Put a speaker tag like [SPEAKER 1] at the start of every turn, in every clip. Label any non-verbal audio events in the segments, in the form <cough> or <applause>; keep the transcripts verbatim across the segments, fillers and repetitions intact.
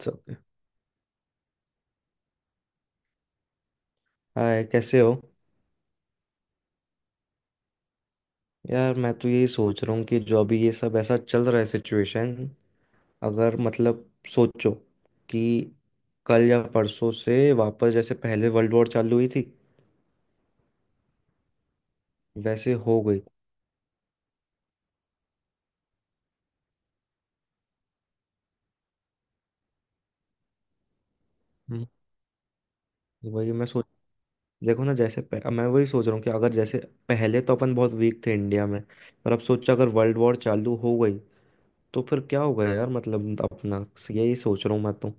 [SPEAKER 1] सब। हाय कैसे हो। यार मैं तो यही सोच रहा हूँ कि जो अभी ये सब ऐसा चल रहा है सिचुएशन। अगर मतलब सोचो कि कल या परसों से वापस जैसे पहले वर्ल्ड वॉर चालू हुई थी वैसे हो गई। हम्म। वही मैं सोच, देखो ना जैसे पह- मैं वही सोच रहा हूँ कि अगर जैसे पहले तो अपन बहुत वीक थे इंडिया में, पर अब सोचो अगर वर्ल्ड वॉर चालू हो गई तो फिर क्या होगा यार मतलब अपना। यही सोच रहा हूँ मैं तो।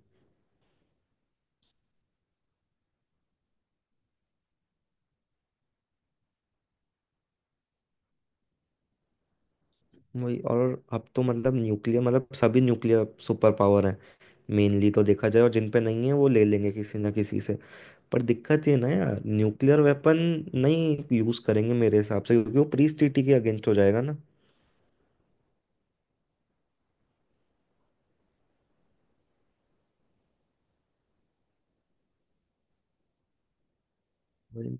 [SPEAKER 1] वही, और अब तो मतलब न्यूक्लियर, मतलब सभी न्यूक्लियर सुपर पावर हैं मेनली, तो देखा जाए। और जिन पे नहीं है वो ले लेंगे किसी ना किसी से। पर दिक्कत ये ना यार, न्यूक्लियर वेपन नहीं यूज करेंगे मेरे हिसाब से, क्योंकि वो प्री ट्रीटी के अगेंस्ट हो जाएगा ना। वही।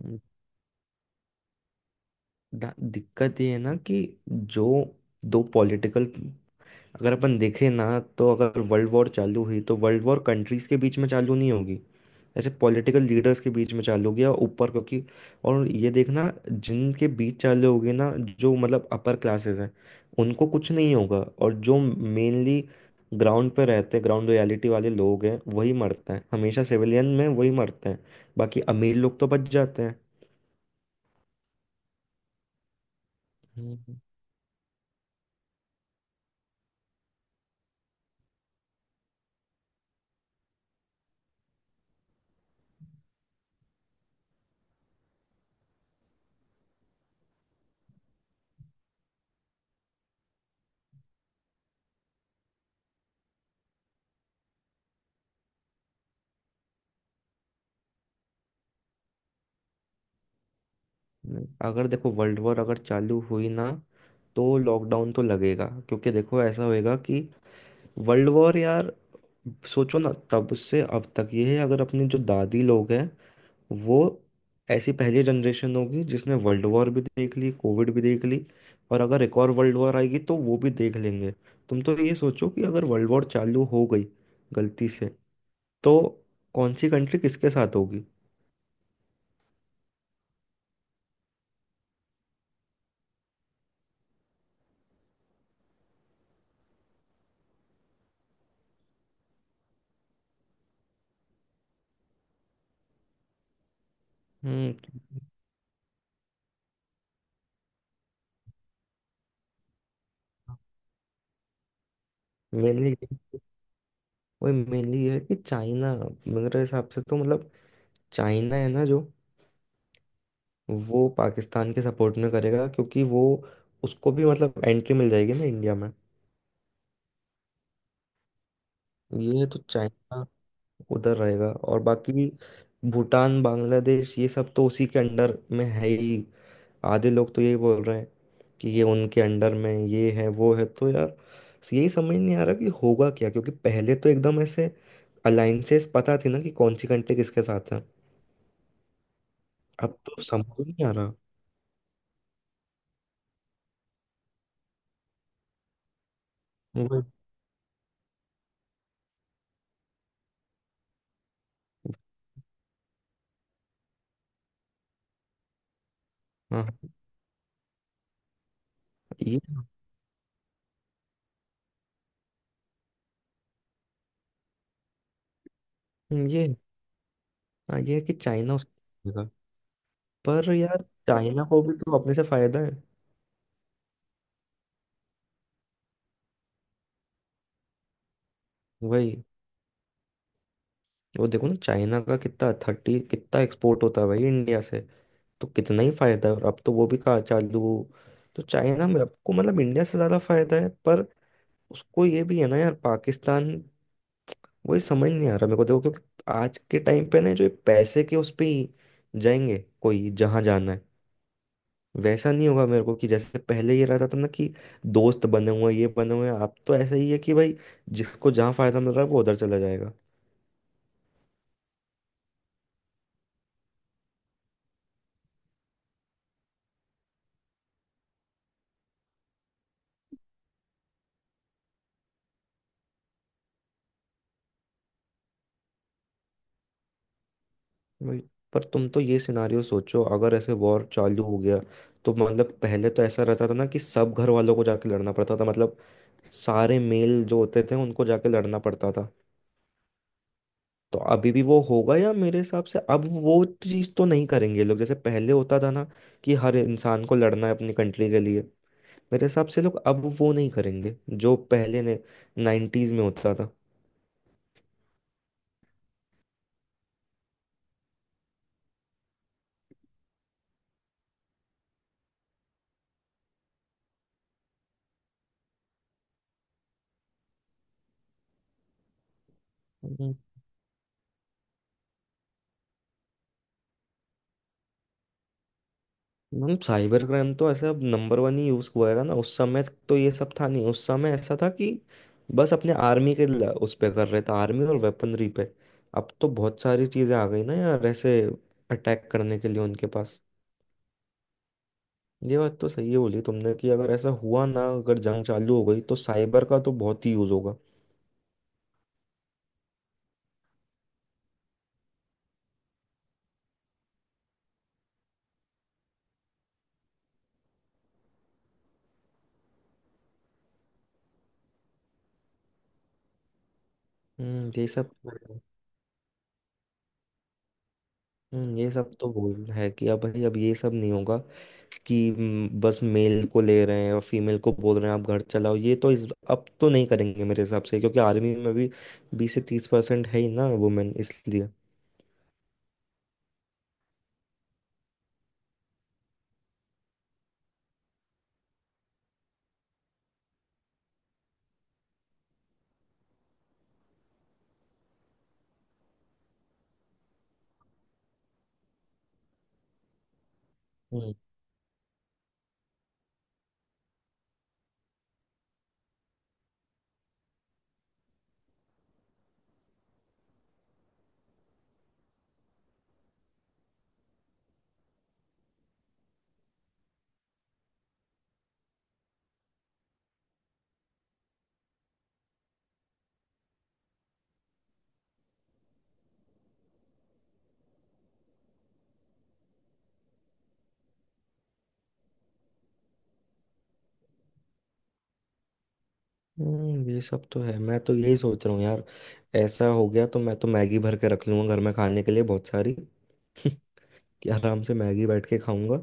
[SPEAKER 1] उम, डा- दिक्कत ये है ना कि जो दो पॉलिटिकल, अगर अपन देखें ना, तो अगर वर्ल्ड वॉर चालू हुई तो वर्ल्ड वॉर कंट्रीज के बीच में चालू नहीं होगी, ऐसे पॉलिटिकल लीडर्स के बीच में चालू हो गया ऊपर। क्योंकि और ये देखना जिनके बीच चालू हो गए ना, जो मतलब अपर क्लासेस हैं, उनको कुछ नहीं होगा। और जो मेनली ग्राउंड पे रहते हैं, ग्राउंड रियलिटी वाले लोग हैं, वही मरते हैं हमेशा। सिविलियन में वही मरते हैं, बाकी अमीर लोग तो बच जाते हैं। हम्म। नहीं, अगर देखो वर्ल्ड वॉर अगर चालू हुई ना, तो लॉकडाउन तो लगेगा। क्योंकि देखो, ऐसा होएगा कि वर्ल्ड वॉर यार, सोचो ना तब से अब तक ये है। अगर अपने जो दादी लोग हैं, वो ऐसी पहली जनरेशन होगी जिसने वर्ल्ड वॉर भी देख ली, कोविड भी देख ली, और अगर एक और वर्ल्ड वॉर आएगी तो वो भी देख लेंगे। तुम तो ये सोचो कि अगर वर्ल्ड वॉर चालू हो गई गलती से, तो कौन सी कंट्री किसके साथ होगी। हम्म। मेनली, वही मेनली ये है कि चाइना, मेरे हिसाब से तो मतलब चाइना है ना जो, वो पाकिस्तान के सपोर्ट में करेगा, क्योंकि वो, उसको भी मतलब एंट्री मिल जाएगी ना इंडिया में। ये तो चाइना उधर रहेगा, और बाकी भूटान, बांग्लादेश ये सब तो उसी के अंडर में है ही। आधे लोग तो यही बोल रहे हैं कि ये उनके अंडर में, ये है वो है, तो यार यही समझ नहीं आ रहा कि होगा क्या। क्योंकि पहले तो एकदम ऐसे अलाइंसेस पता थी ना कि कौन सी कंट्री किसके साथ है, अब तो समझ ही नहीं आ रहा। वही- हाँ, ये ये हाँ, ये है कि चाइना उसको देगा। पर यार चाइना को भी तो अपने से फायदा है। वही, वो देखो ना चाइना का कितना थर्टी कितना एक्सपोर्ट होता है भाई इंडिया से, तो कितना ही फायदा है। और अब तो वो भी कहा चालू, तो चाइना में आपको मतलब इंडिया से ज्यादा फायदा है। पर उसको ये भी है ना यार, पाकिस्तान, वही समझ नहीं आ रहा मेरे को देखो। क्योंकि आज के टाइम पे ना, जो ये पैसे के उस पे ही जाएंगे, कोई जहां जाना है वैसा नहीं होगा। मेरे को कि जैसे पहले ये रहता था ना कि दोस्त बने हुए हैं, ये बने हुए हैं। अब तो ऐसा ही है कि भाई जिसको जहाँ फायदा मिल रहा है, वो उधर चला जाएगा। वही। पर तुम तो ये सिनारियो सोचो, अगर ऐसे वॉर चालू हो गया, तो मतलब पहले तो ऐसा रहता था ना कि सब घर वालों को जाके लड़ना पड़ता था, मतलब सारे मेल जो होते थे उनको जाके लड़ना पड़ता था। तो अभी भी वो होगा, या मेरे हिसाब से अब वो चीज़ तो नहीं करेंगे ये लोग, जैसे पहले होता था ना कि हर इंसान को लड़ना है अपनी कंट्री के लिए। मेरे हिसाब से लोग अब वो नहीं करेंगे, जो पहले ने नाइन्टीज में होता था। मैम, साइबर क्राइम तो ऐसा अब नंबर वन ही यूज हुआ है ना। उस समय तो ये सब था नहीं। उस समय ऐसा था कि बस अपने आर्मी के ल- उस पे कर रहे थे, आर्मी और वेपनरी पे। अब तो बहुत सारी चीजें आ गई ना यार, ऐसे अटैक करने के लिए उनके पास। ये बात तो सही है बोली तुमने कि अगर ऐसा हुआ ना, अगर जंग चालू हो गई, तो साइबर का तो बहुत ही यूज होगा। हम्म, ये सब। हम्म, ये सब तो भूल है कि अब भाई अब ये सब नहीं होगा कि हम्म, बस मेल को ले रहे हैं और फीमेल को बोल रहे हैं आप घर चलाओ। ये तो इस, अब तो नहीं करेंगे मेरे हिसाब से, क्योंकि आर्मी में भी बीस से तीस परसेंट है ही ना वुमेन, इसलिए। हम्म। हम्म, ये सब तो है। मैं तो यही सोच रहा हूँ यार, ऐसा हो गया तो मैं तो मैगी भर के रख लूंगा घर में खाने के लिए, बहुत सारी। <laughs> कि आराम से मैगी बैठ के खाऊंगा।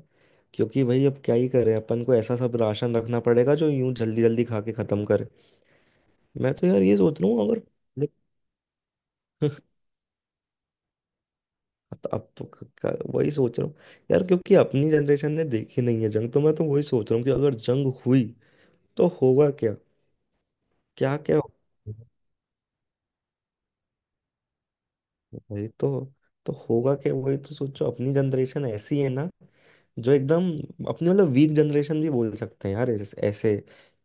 [SPEAKER 1] क्योंकि भाई अब क्या ही करें, अपन को ऐसा सब राशन रखना पड़ेगा जो यूं जल्दी जल्दी खा के खत्म करे। मैं तो यार ये सोच रहा हूँ अगर, <laughs> तो अब तो क- क- वही सोच रहा हूँ यार, क्योंकि अपनी जनरेशन ने देखी नहीं है जंग, तो मैं तो वही सोच रहा हूँ कि अगर जंग हुई तो होगा क्या। क्या क्या। <laughs> वही तो तो होगा क्या। वही तो सोचो, अपनी जनरेशन ऐसी है ना जो एकदम अपनी मतलब वीक जनरेशन भी बोल सकते हैं यार, ऐसे, ऐसे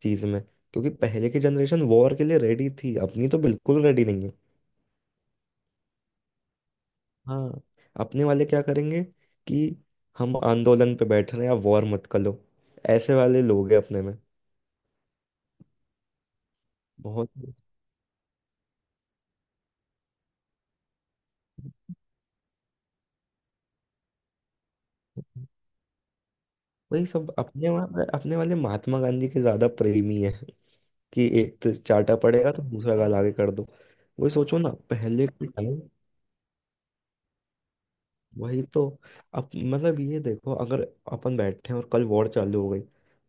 [SPEAKER 1] चीज में, क्योंकि पहले की जनरेशन वॉर के लिए रेडी थी, अपनी तो बिल्कुल रेडी नहीं है। हाँ, अपने वाले क्या करेंगे कि हम आंदोलन पे बैठ रहे हैं आप वॉर मत करो, ऐसे वाले लोग हैं अपने में। बहुत। वही, सब अपने वहाँ अपने वाले महात्मा गांधी के ज्यादा प्रेमी है कि एक तो चाटा पड़ेगा तो दूसरा गाल आगे कर दो। वही सोचो ना पहले के टाइम। वही तो, अब मतलब ये देखो, अगर अपन बैठे हैं और कल वॉर चालू हो गई,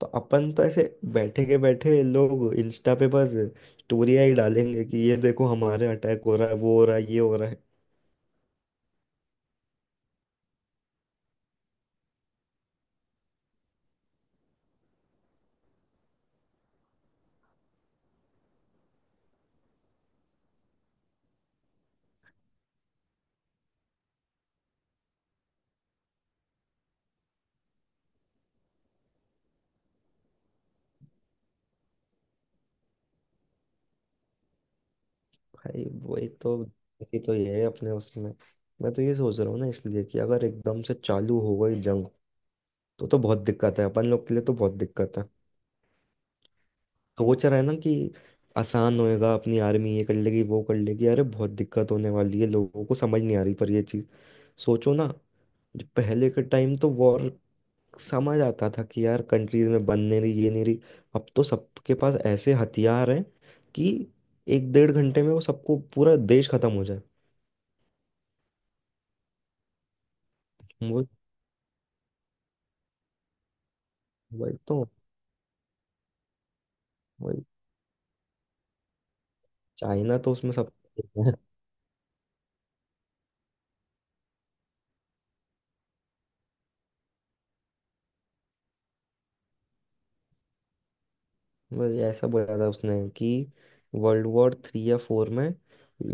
[SPEAKER 1] तो अपन तो ऐसे बैठे के बैठे लोग इंस्टा पे बस स्टोरियाँ ही डालेंगे कि ये देखो हमारे अटैक हो रहा है, वो हो रहा है, ये हो रहा है। भाई वही तो, ये तो ये है अपने उसमें। मैं तो ये सोच रहा हूँ ना इसलिए कि अगर एकदम से चालू हो गई जंग, तो तो बहुत दिक्कत है अपन लोग के लिए, तो बहुत दिक्कत है। सोच रहे हैं ना कि आसान होएगा, अपनी आर्मी ये कर लेगी वो कर लेगी, अरे बहुत दिक्कत होने वाली है, लोगों को समझ नहीं आ रही पर ये चीज़। सोचो ना, जो पहले के टाइम तो वॉर समझ आता था कि यार कंट्रीज में बन नहीं रही, ये नहीं रही। अब तो सबके पास ऐसे हथियार हैं कि एक डेढ़ घंटे में वो सबको, पूरा देश खत्म हो जाए। वो, वही तो। वही चाइना तो उसमें सब। <laughs> बस ऐसा बोला था उसने कि वर्ल्ड वॉर थ्री या फोर में,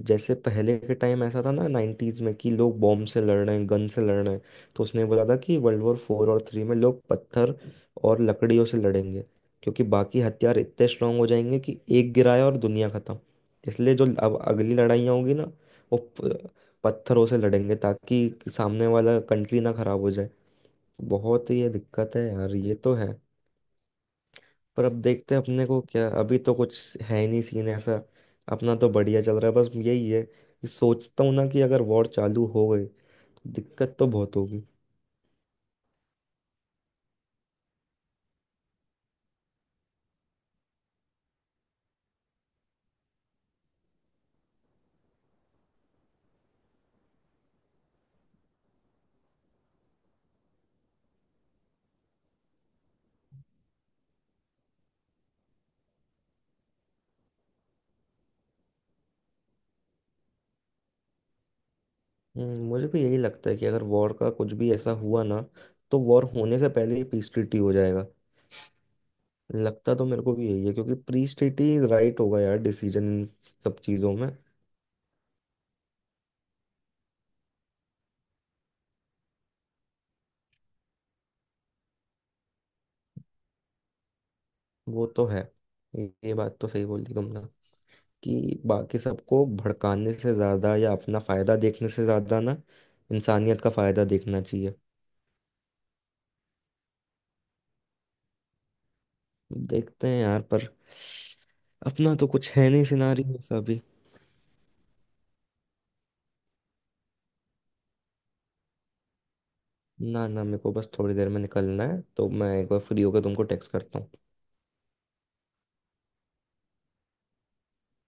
[SPEAKER 1] जैसे पहले के टाइम ऐसा था ना नाइन्टीज में कि लोग बॉम्ब से लड़ रहे हैं गन से लड़ रहे हैं, तो उसने बोला था कि वर्ल्ड वॉर फोर और थ्री में लोग पत्थर और लकड़ियों से लड़ेंगे, क्योंकि बाकी हथियार इतने स्ट्रांग हो जाएंगे कि एक गिराया और दुनिया खत्म। इसलिए जो अब अगली लड़ाइयाँ होंगी ना, वो प- पत्थरों से लड़ेंगे ताकि सामने वाला कंट्री ना खराब हो जाए। बहुत ही ये दिक्कत है यार, ये तो है। पर अब देखते हैं, अपने को क्या, अभी तो कुछ है ही नहीं सीन ऐसा। अपना तो बढ़िया चल रहा है, बस यही है कि सोचता हूँ ना कि अगर वॉर चालू हो गई तो दिक्कत तो बहुत होगी। हम्म, मुझे भी यही लगता है कि अगर वॉर का कुछ भी ऐसा हुआ ना, तो वॉर होने से पहले ही पीस ट्रीटी हो जाएगा। लगता तो मेरे को भी यही है, क्योंकि पीस ट्रीटी राइट होगा यार डिसीजन इन सब चीज़ों में। वो तो है, ये ये बात तो सही बोल दी तुमने, कि बाकी सबको भड़काने से ज़्यादा या अपना फ़ायदा देखने से ज़्यादा ना, इंसानियत का फ़ायदा देखना चाहिए। देखते हैं यार, पर अपना तो कुछ है नहीं सिनारियो ऐसा भी। ना ना, मेरे को बस थोड़ी देर में निकलना है, तो मैं एक बार फ्री होकर तुमको टेक्स्ट करता हूँ।